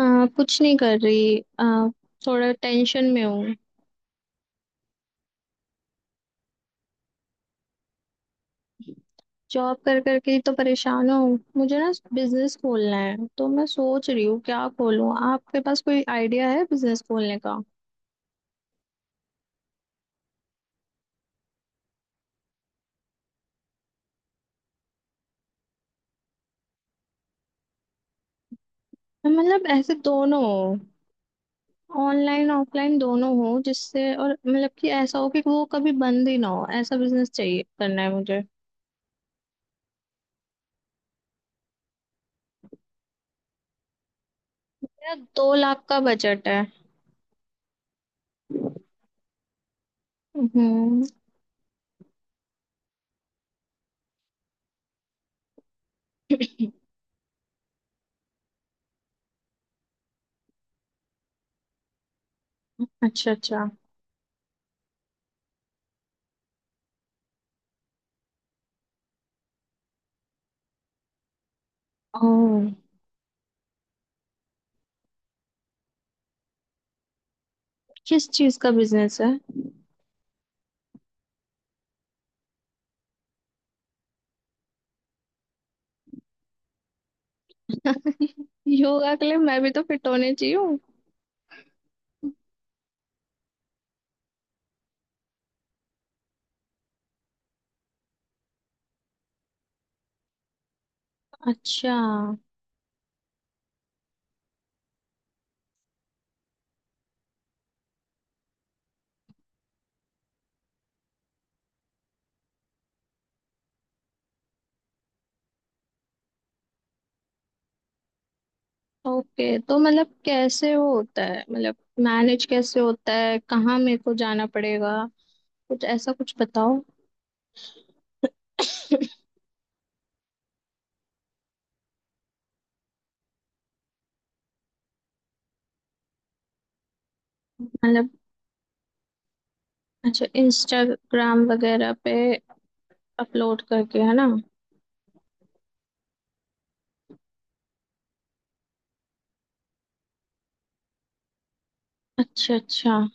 हाँ, कुछ नहीं कर रही थोड़ा टेंशन में हूँ। जॉब कर करके ही तो परेशान हूँ, मुझे ना बिजनेस खोलना है, तो मैं सोच रही हूँ क्या खोलूँ। आपके पास कोई आइडिया है बिजनेस खोलने का? मतलब ऐसे दोनों हो, ऑनलाइन ऑफलाइन दोनों हो जिससे, और मतलब कि ऐसा हो कि वो कभी बंद ही ना हो। ऐसा बिजनेस चाहिए, करना है मुझे। मेरा 2 लाख का बजट है। हम्म। अच्छा अच्छा। ओह, किस चीज का बिजनेस है? योगा के लिए मैं भी तो फिट होने चाहिए। अच्छा। ओके, तो मतलब कैसे वो होता है? मतलब मैनेज कैसे होता है? कहाँ मेरे को जाना पड़ेगा? कुछ ऐसा, कुछ बताओ। मतलब, अच्छा, इंस्टाग्राम वगैरह पे अपलोड करके, है ना? अच्छा अच्छा, हाँ।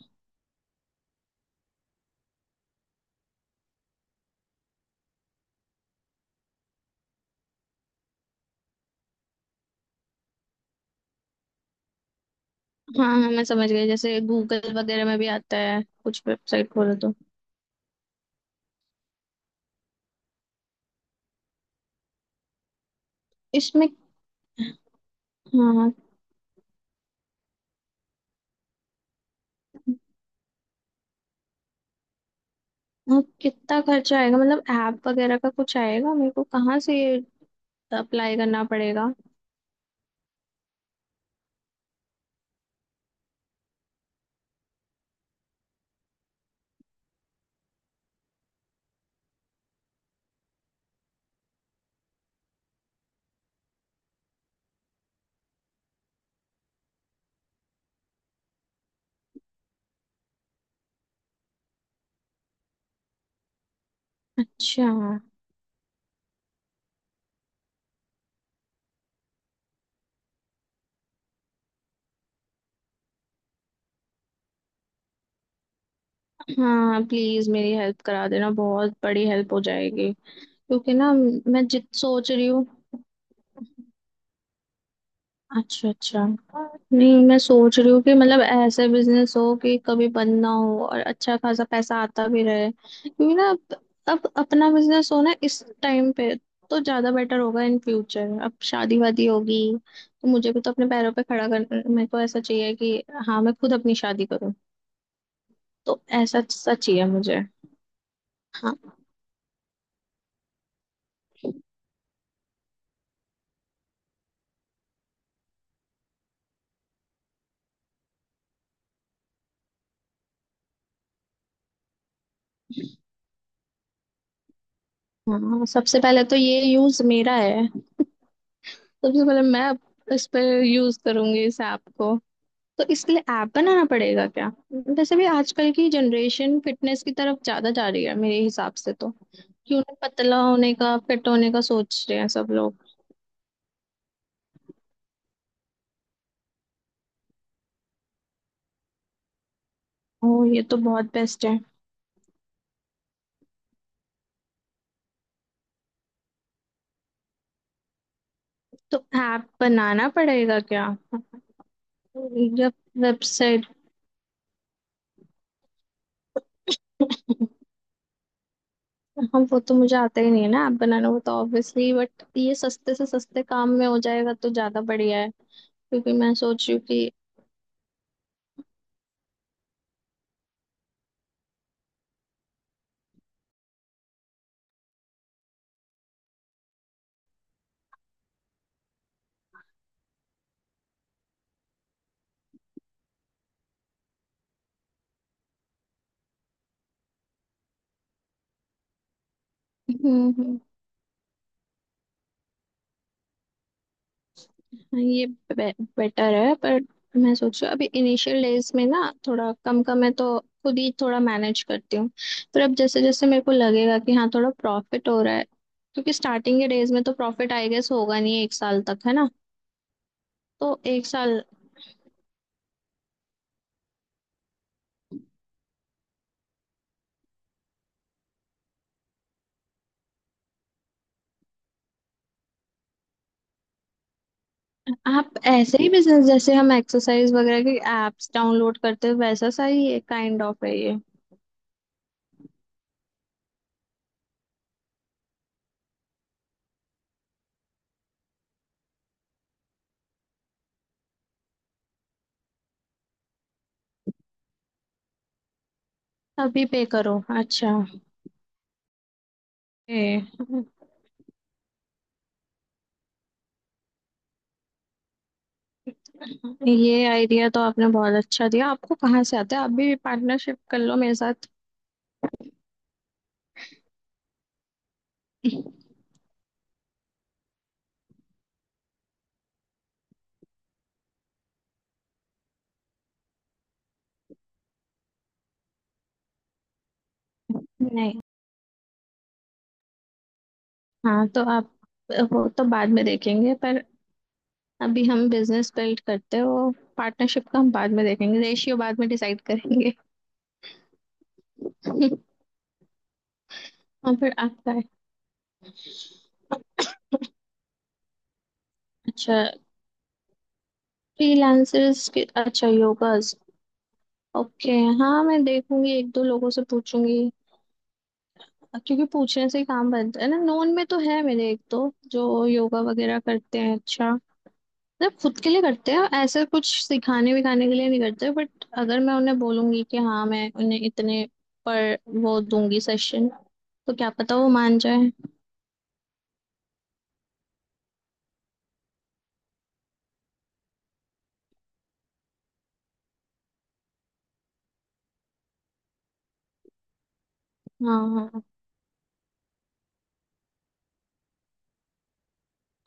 हाँ, मैं समझ गई। जैसे गूगल वगैरह में भी आता है, कुछ वेबसाइट खोलो तो। इसमें। हाँ। हाँ, कितना खर्चा आएगा? मतलब ऐप वगैरह का कुछ आएगा मेरे को? कहाँ से अप्लाई करना पड़ेगा? अच्छा। हाँ, प्लीज मेरी हेल्प करा देना, बहुत बड़ी हेल्प हो जाएगी। क्योंकि ना, मैं जित सोच रही हूँ। अच्छा अच्छा। नहीं, मैं सोच रही हूँ कि मतलब ऐसे बिजनेस हो कि कभी बंद ना हो और अच्छा खासा पैसा आता भी रहे। क्योंकि ना अब अपना बिजनेस हो ना इस टाइम पे, तो ज्यादा बेटर होगा। इन फ्यूचर अब शादी वादी होगी, तो मुझे भी तो अपने पैरों पे खड़ा कर, मेरे को ऐसा चाहिए कि हाँ मैं खुद अपनी शादी करूँ। तो ऐसा सच ही है मुझे। हाँ। हाँ, सबसे पहले तो ये यूज मेरा है। सबसे पहले मैं इस पर यूज करूंगी इस ऐप को। तो इसके लिए ऐप बनाना पड़ेगा क्या? वैसे भी आजकल की जनरेशन फिटनेस की तरफ ज्यादा जा रही है मेरे हिसाब से तो। क्यों ना, पतला होने का फिट होने का सोच रहे हैं सब लोग। ओह, ये तो बहुत बेस्ट है। तो ऐप बनाना पड़ेगा क्या या वेबसाइट? हम, वो तो मुझे आता ही नहीं है ना ऐप बनाना, वो तो ऑब्वियसली। बट ये सस्ते से सस्ते काम में हो जाएगा तो ज्यादा बढ़िया है। क्योंकि मैं सोच रही हूँ कि, हम्म हम्म, हाँ, ये बेटर है। पर मैं सोच रही हूँ अभी इनिशियल डेज में ना थोड़ा कम कम है, तो खुद ही थोड़ा मैनेज करती हूँ। पर अब जैसे जैसे मेरे को लगेगा कि हाँ थोड़ा प्रॉफिट हो रहा है, क्योंकि स्टार्टिंग के डेज में तो प्रॉफिट आई गेस होगा नहीं एक साल तक, है ना? तो एक साल। आप ऐसे ही बिजनेस, जैसे हम एक्सरसाइज वगैरह की एप्स डाउनलोड करते हैं वैसा सा ही ये, काइंड ऑफ है ये। अभी पे करो, अच्छा। ए, ये आइडिया तो आपने बहुत अच्छा दिया। आपको कहाँ से आता है? आप भी पार्टनरशिप कर लो मेरे साथ। नहीं, हाँ, तो आप, वो तो बाद में देखेंगे। पर अभी हम बिजनेस बिल्ड करते हैं वो। पार्टनरशिप का हम बाद में देखेंगे, रेशियो बाद में डिसाइड करेंगे। और फिर आपका है। अच्छा, फ्रीलांसर्स के, अच्छा योगास। ओके। हाँ, मैं देखूंगी एक दो लोगों से पूछूंगी। क्योंकि पूछने से ही काम बनता है ना। नोन में तो है मेरे एक दो जो योगा वगैरह करते हैं, अच्छा। मतलब खुद के लिए करते हैं ऐसे, कुछ सिखाने विखाने के लिए नहीं करते। बट अगर मैं उन्हें बोलूंगी कि हाँ मैं उन्हें इतने पर वो दूंगी सेशन, तो क्या पता वो मान जाए। हाँ हाँ।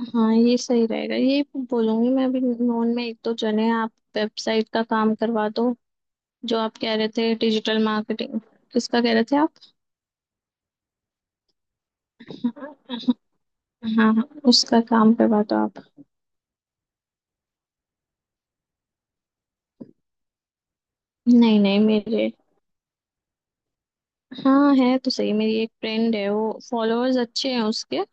हाँ, ये सही रहेगा ये। बोलूंगी मैं अभी, नोन में एक दो जने हैं। आप वेबसाइट का काम करवा दो। जो आप कह रहे थे डिजिटल मार्केटिंग, किसका कह रहे थे आप? हाँ। हाँ, उसका काम करवा दो आप। नहीं नहीं, मेरे, हाँ है तो, सही। मेरी एक फ्रेंड है, वो फॉलोअर्स अच्छे हैं उसके।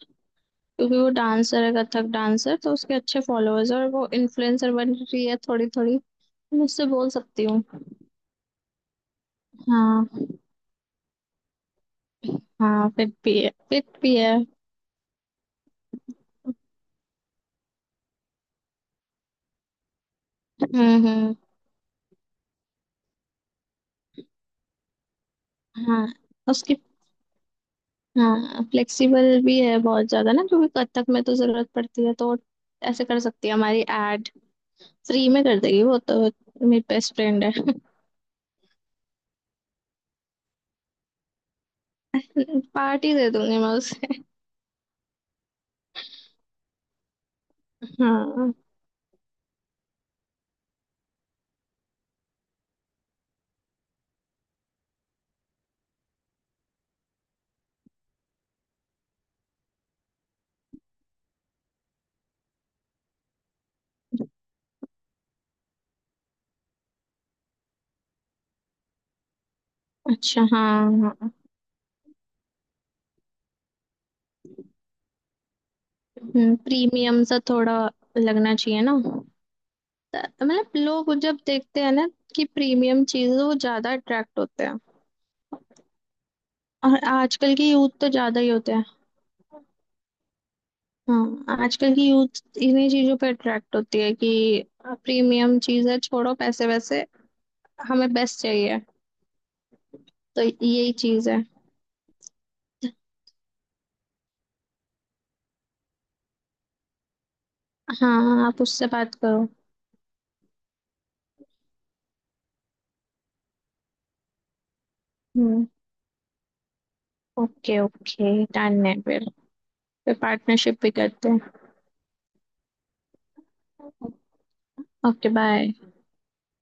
क्योंकि वो डांसर है, कथक डांसर, तो उसके अच्छे फॉलोअर्स, और वो इन्फ्लुएंसर बन रही है थोड़ी थोड़ी। मैं उससे बोल सकती हूँ। हाँ। हाँ फिट भी है, फिट भी है। हम्म। हाँ, उसकी, हाँ फ्लेक्सिबल भी है बहुत ज्यादा ना, क्योंकि कथक में तो जरूरत पड़ती है, तो ऐसे कर सकती है हमारी एड। फ्री में कर देगी वो तो, मेरी बेस्ट फ्रेंड है। पार्टी दे दूंगी मैं उसे। हाँ। अच्छा, हाँ। हाँ, प्रीमियम सा थोड़ा लगना चाहिए ना। तो मतलब लोग जब देखते हैं ना कि प्रीमियम चीज, वो ज्यादा अट्रैक्ट होते हैं। और आजकल की यूथ तो ज्यादा ही होते हैं। हाँ आजकल की यूथ इन्हीं चीजों पे अट्रैक्ट होती है कि प्रीमियम चीज है, छोड़ो पैसे वैसे, हमें बेस्ट चाहिए। तो यही चीज है। हाँ, आप उससे बात करो। हम्म। ओके ओके, डन है फिर। फिर पार्टनरशिप भी करते हैं। Okay, bye.